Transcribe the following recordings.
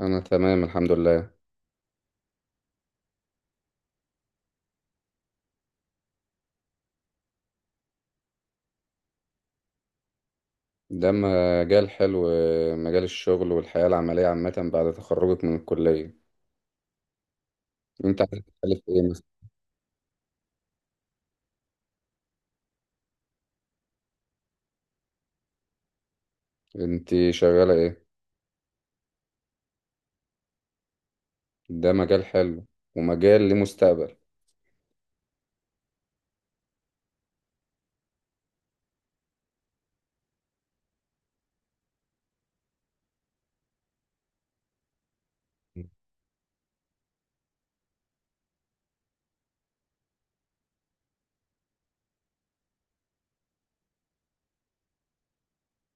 أنا تمام الحمد لله. ده مجال حلو، مجال الشغل والحياة العملية عامة بعد تخرجك من الكلية. أنت عايز تتكلم في إيه مثلا؟ أنت شغالة إيه؟ ده مجال حلو ومجال ليه مستقبل.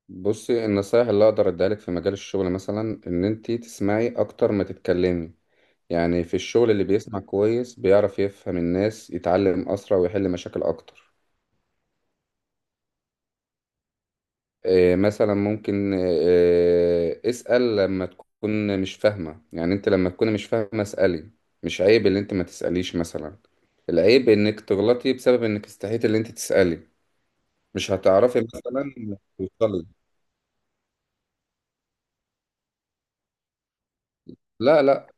بصي، النصايح اللي أقدر أديها لك في مجال الشغل مثلا إن أنت تسمعي أكتر ما تتكلمي. يعني في الشغل اللي بيسمع كويس بيعرف يفهم الناس، يتعلم أسرع ويحل مشاكل أكتر. مثلا ممكن اسأل لما تكون مش فاهمة. يعني انت لما تكون مش فاهمة اسألي. مش عيب ان انت ما تسأليش مثلا، العيب انك تغلطي بسبب انك استحيت ان انت تسألي. مش هتعرفي مثلا توصلي. لا لا،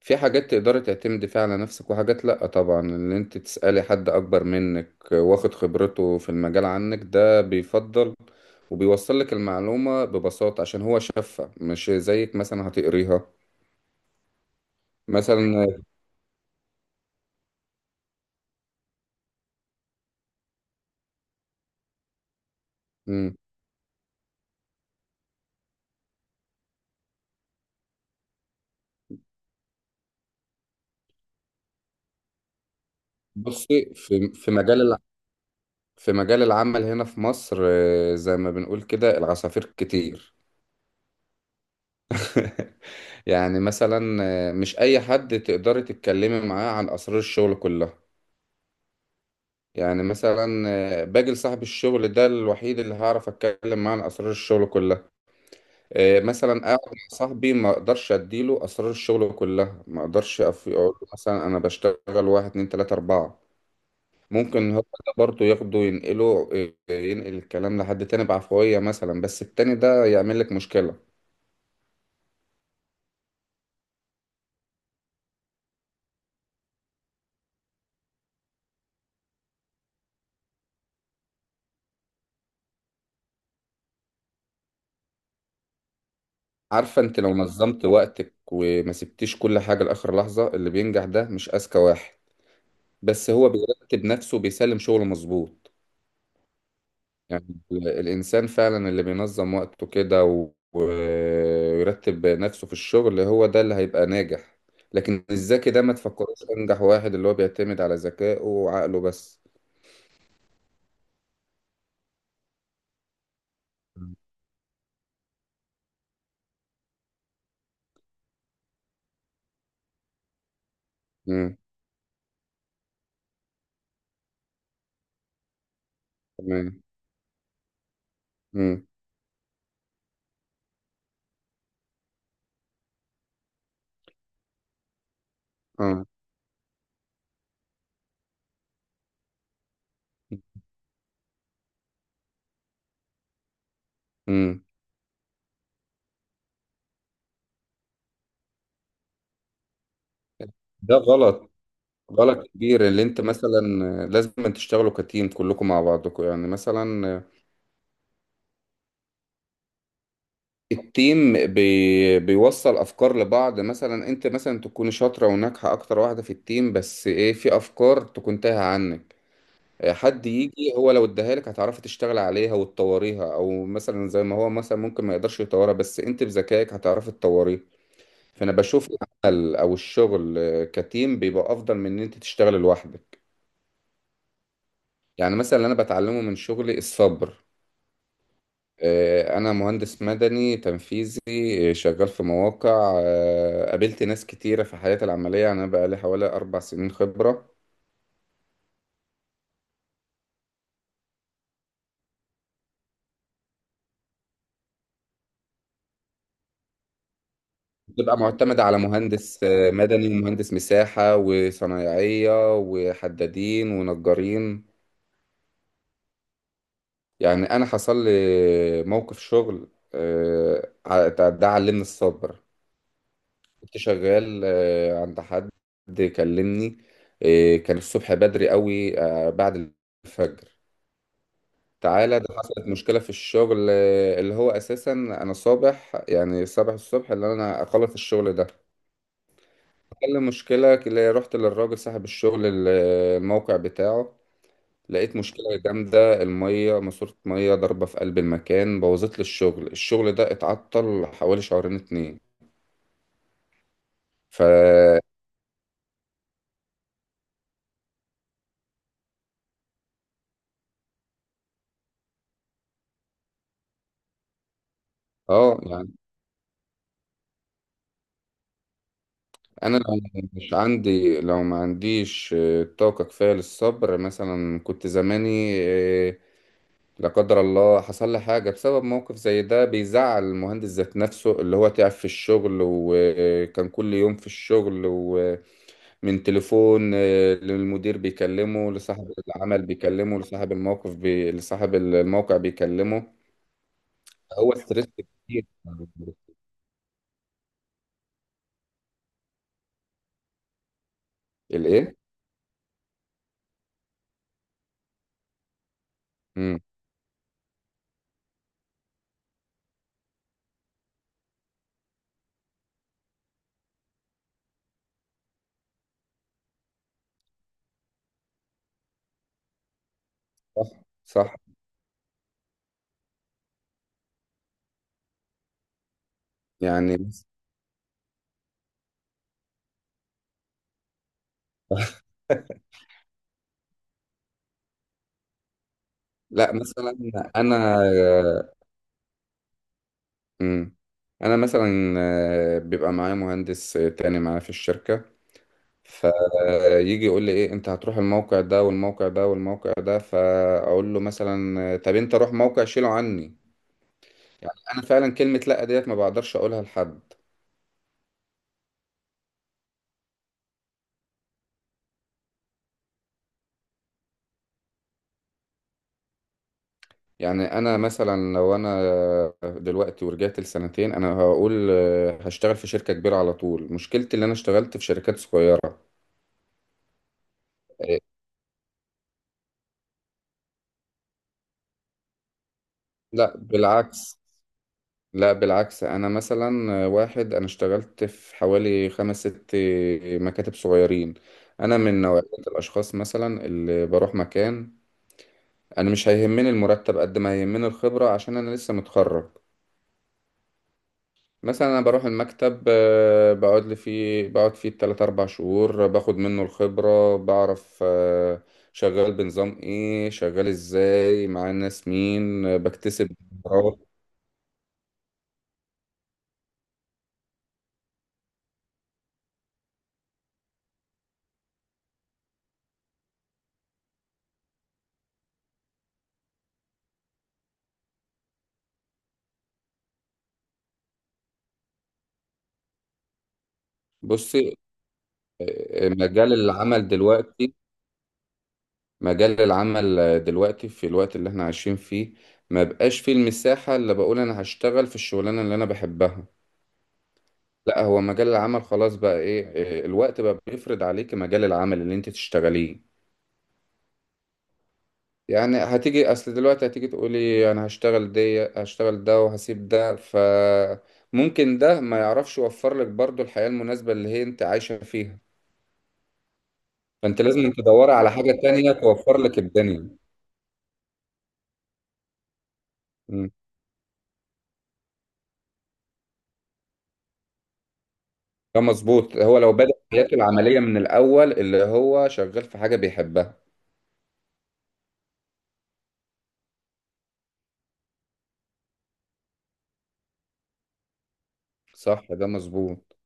في حاجات تقدري تعتمدي فيها على نفسك وحاجات لا. طبعا ان انت تسألي حد اكبر منك واخد خبرته في المجال عنك ده بيفضل، وبيوصل لك المعلومة ببساطة عشان هو شافها مش زيك مثلا هتقريها. مثلا. مم. بصي، في مجال في مجال العمل هنا في مصر، زي ما بنقول كده العصافير كتير. يعني مثلا، مش اي حد تقدري تتكلمي معاه عن اسرار الشغل كلها. يعني مثلا، باجي لصاحب الشغل، ده الوحيد اللي هعرف اتكلم معاه عن اسرار الشغل كلها. مثلا اقعد مع صاحبي، ما اقدرش اديله اسرار الشغل كلها. ما اقدرش اقول له مثلا انا بشتغل واحد اتنين تلاتة اربعة. ممكن هو ده برضه ياخده ينقله، ينقل الكلام لحد تاني بعفوية مثلا، بس التاني ده يعمل لك مشكلة. عارفة، انت لو نظمت وقتك وما سبتيش كل حاجة لآخر لحظة، اللي بينجح ده مش أذكى واحد، بس هو بيرتب نفسه بيسلم شغله مظبوط. يعني الإنسان فعلا اللي بينظم وقته كده ويرتب نفسه في الشغل هو ده اللي هيبقى ناجح. لكن الذكي ده ما تفكروش أنجح واحد اللي هو بيعتمد على ذكائه وعقله بس. مم. تمام. مم. اه. امم. ده غلط، غلط كبير. اللي انت مثلا لازم أن تشتغلوا كتيم كلكم مع بعضكم يعني مثلا. التيم بي بيوصل افكار لبعض، مثلا انت مثلا تكون شاطره وناجحه اكتر واحده في التيم، بس ايه، في افكار تكون تايهه عنك. حد يجي هو لو اداها لك هتعرفي تشتغل عليها وتطوريها، او مثلا زي ما هو مثلا ممكن ما يقدرش يطورها بس انت بذكائك هتعرفي تطوريها. فانا بشوف العمل او الشغل كتيم بيبقى افضل من ان انت تشتغل لوحدك. يعني مثلا اللي انا بتعلمه من شغلي الصبر. انا مهندس مدني تنفيذي. شغال في مواقع، قابلت ناس كتيرة في حياتي العملية، يعني انا بقى لي حوالي 4 سنين خبرة. بتبقى معتمدة على مهندس مدني، ومهندس مساحة، وصنايعية، وحدادين، ونجارين. يعني انا حصل لي موقف شغل، ده علمني الصبر. كنت شغال عند حد، كلمني. كان الصبح بدري قوي، بعد الفجر. تعالى، ده حصلت مشكلة في الشغل اللي هو أساسا أنا صابح. يعني صابح الصبح اللي أنا أخلص الشغل ده. كان المشكلة اللي رحت للراجل صاحب الشغل، الموقع بتاعه. لقيت مشكلة جامدة، المية ماسورة، مية ضاربة في قلب المكان، بوظت لي الشغل. الشغل ده اتعطل حوالي شهرين اتنين. ف اه، انا لو مش عندي لو ما عنديش طاقة كفاية للصبر مثلا كنت زماني لا قدر الله حصل لي حاجة، بسبب موقف زي ده بيزعل المهندس ذات نفسه، اللي هو تعب في الشغل وكان كل يوم في الشغل، ومن تليفون للمدير بيكلمه، لصاحب العمل بيكلمه، لصاحب الموقف لصاحب الموقع بيكلمه. هو ستريس كتير. الايه؟ مم. صح، صح. يعني لا، مثلا انا مم. انا مثلا بيبقى معايا مهندس تاني معايا في الشركه، فيجي يقول لي ايه، انت هتروح الموقع ده والموقع ده والموقع ده، فاقول له مثلا طب انت روح موقع شيله عني. يعني انا فعلا كلمه لا ديت ما بقدرش اقولها لحد. يعني انا مثلا، لو انا دلوقتي ورجعت لسنتين، انا هقول هشتغل في شركه كبيره على طول. مشكلتي اللي انا اشتغلت في شركات صغيره. آه، لا بالعكس، لا بالعكس. انا مثلا واحد انا اشتغلت في حوالي خمس ست مكاتب صغيرين. انا من نوعية الاشخاص مثلا اللي بروح مكان، انا مش هيهمني المرتب قد ما هيهمني الخبرة عشان انا لسه متخرج. مثلا انا بروح المكتب، بقعد فيه 3 4 شهور، باخد منه الخبرة، بعرف شغال بنظام ايه، شغال ازاي مع الناس مين، بكتسب خبرات. بصي، آه، مجال العمل دلوقتي مجال العمل دلوقتي في الوقت اللي احنا عايشين فيه، ما بقاش فيه المساحة اللي بقول انا هشتغل في الشغلانة اللي انا بحبها. لا، هو مجال العمل خلاص بقى ايه، الوقت بقى بيفرض عليك مجال العمل اللي انت تشتغليه. يعني هتيجي، اصل دلوقتي هتيجي تقولي انا هشتغل دي هشتغل ده وهسيب ده، فممكن ده ما يعرفش يوفر لك برضو الحياة المناسبة اللي هي انت عايشة فيها. فانت لازم تدوري على حاجة تانية توفر لك الدنيا. ده مظبوط، هو لو بدأ حياته العملية من الأول اللي هو شغال في حاجة بيحبها. صح، ده مظبوط.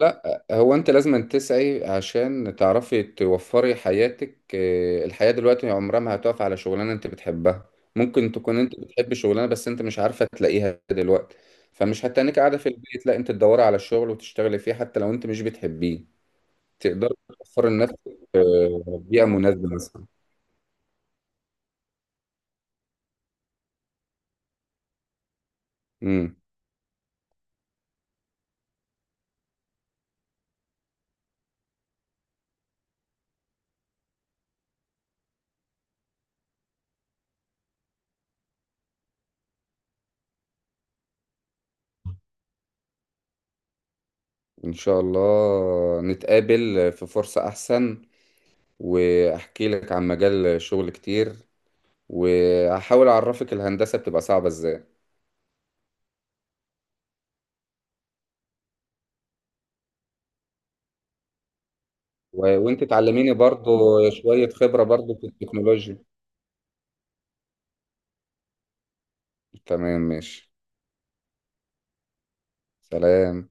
لا، هو أنت لازم تسعي عشان تعرفي توفري حياتك. الحياة دلوقتي عمرها ما هتقف على شغلانة أنت بتحبها. ممكن تكون أنت بتحبي شغلانة بس أنت مش عارفة تلاقيها دلوقتي. فمش هتتنك قاعدة في البيت، لا، أنت تدوري على الشغل وتشتغلي فيه حتى لو أنت مش بتحبيه. تقدري توفري لنفسك آه، بيئة مناسبة مثلا. مم. إن شاء الله نتقابل في فرصة أحسن، وأحكي لك عن مجال شغل كتير، وهحاول أعرفك الهندسة بتبقى صعبة إزاي. وأنت تعلميني برضو شوية خبرة برضو في التكنولوجيا. تمام ماشي. سلام.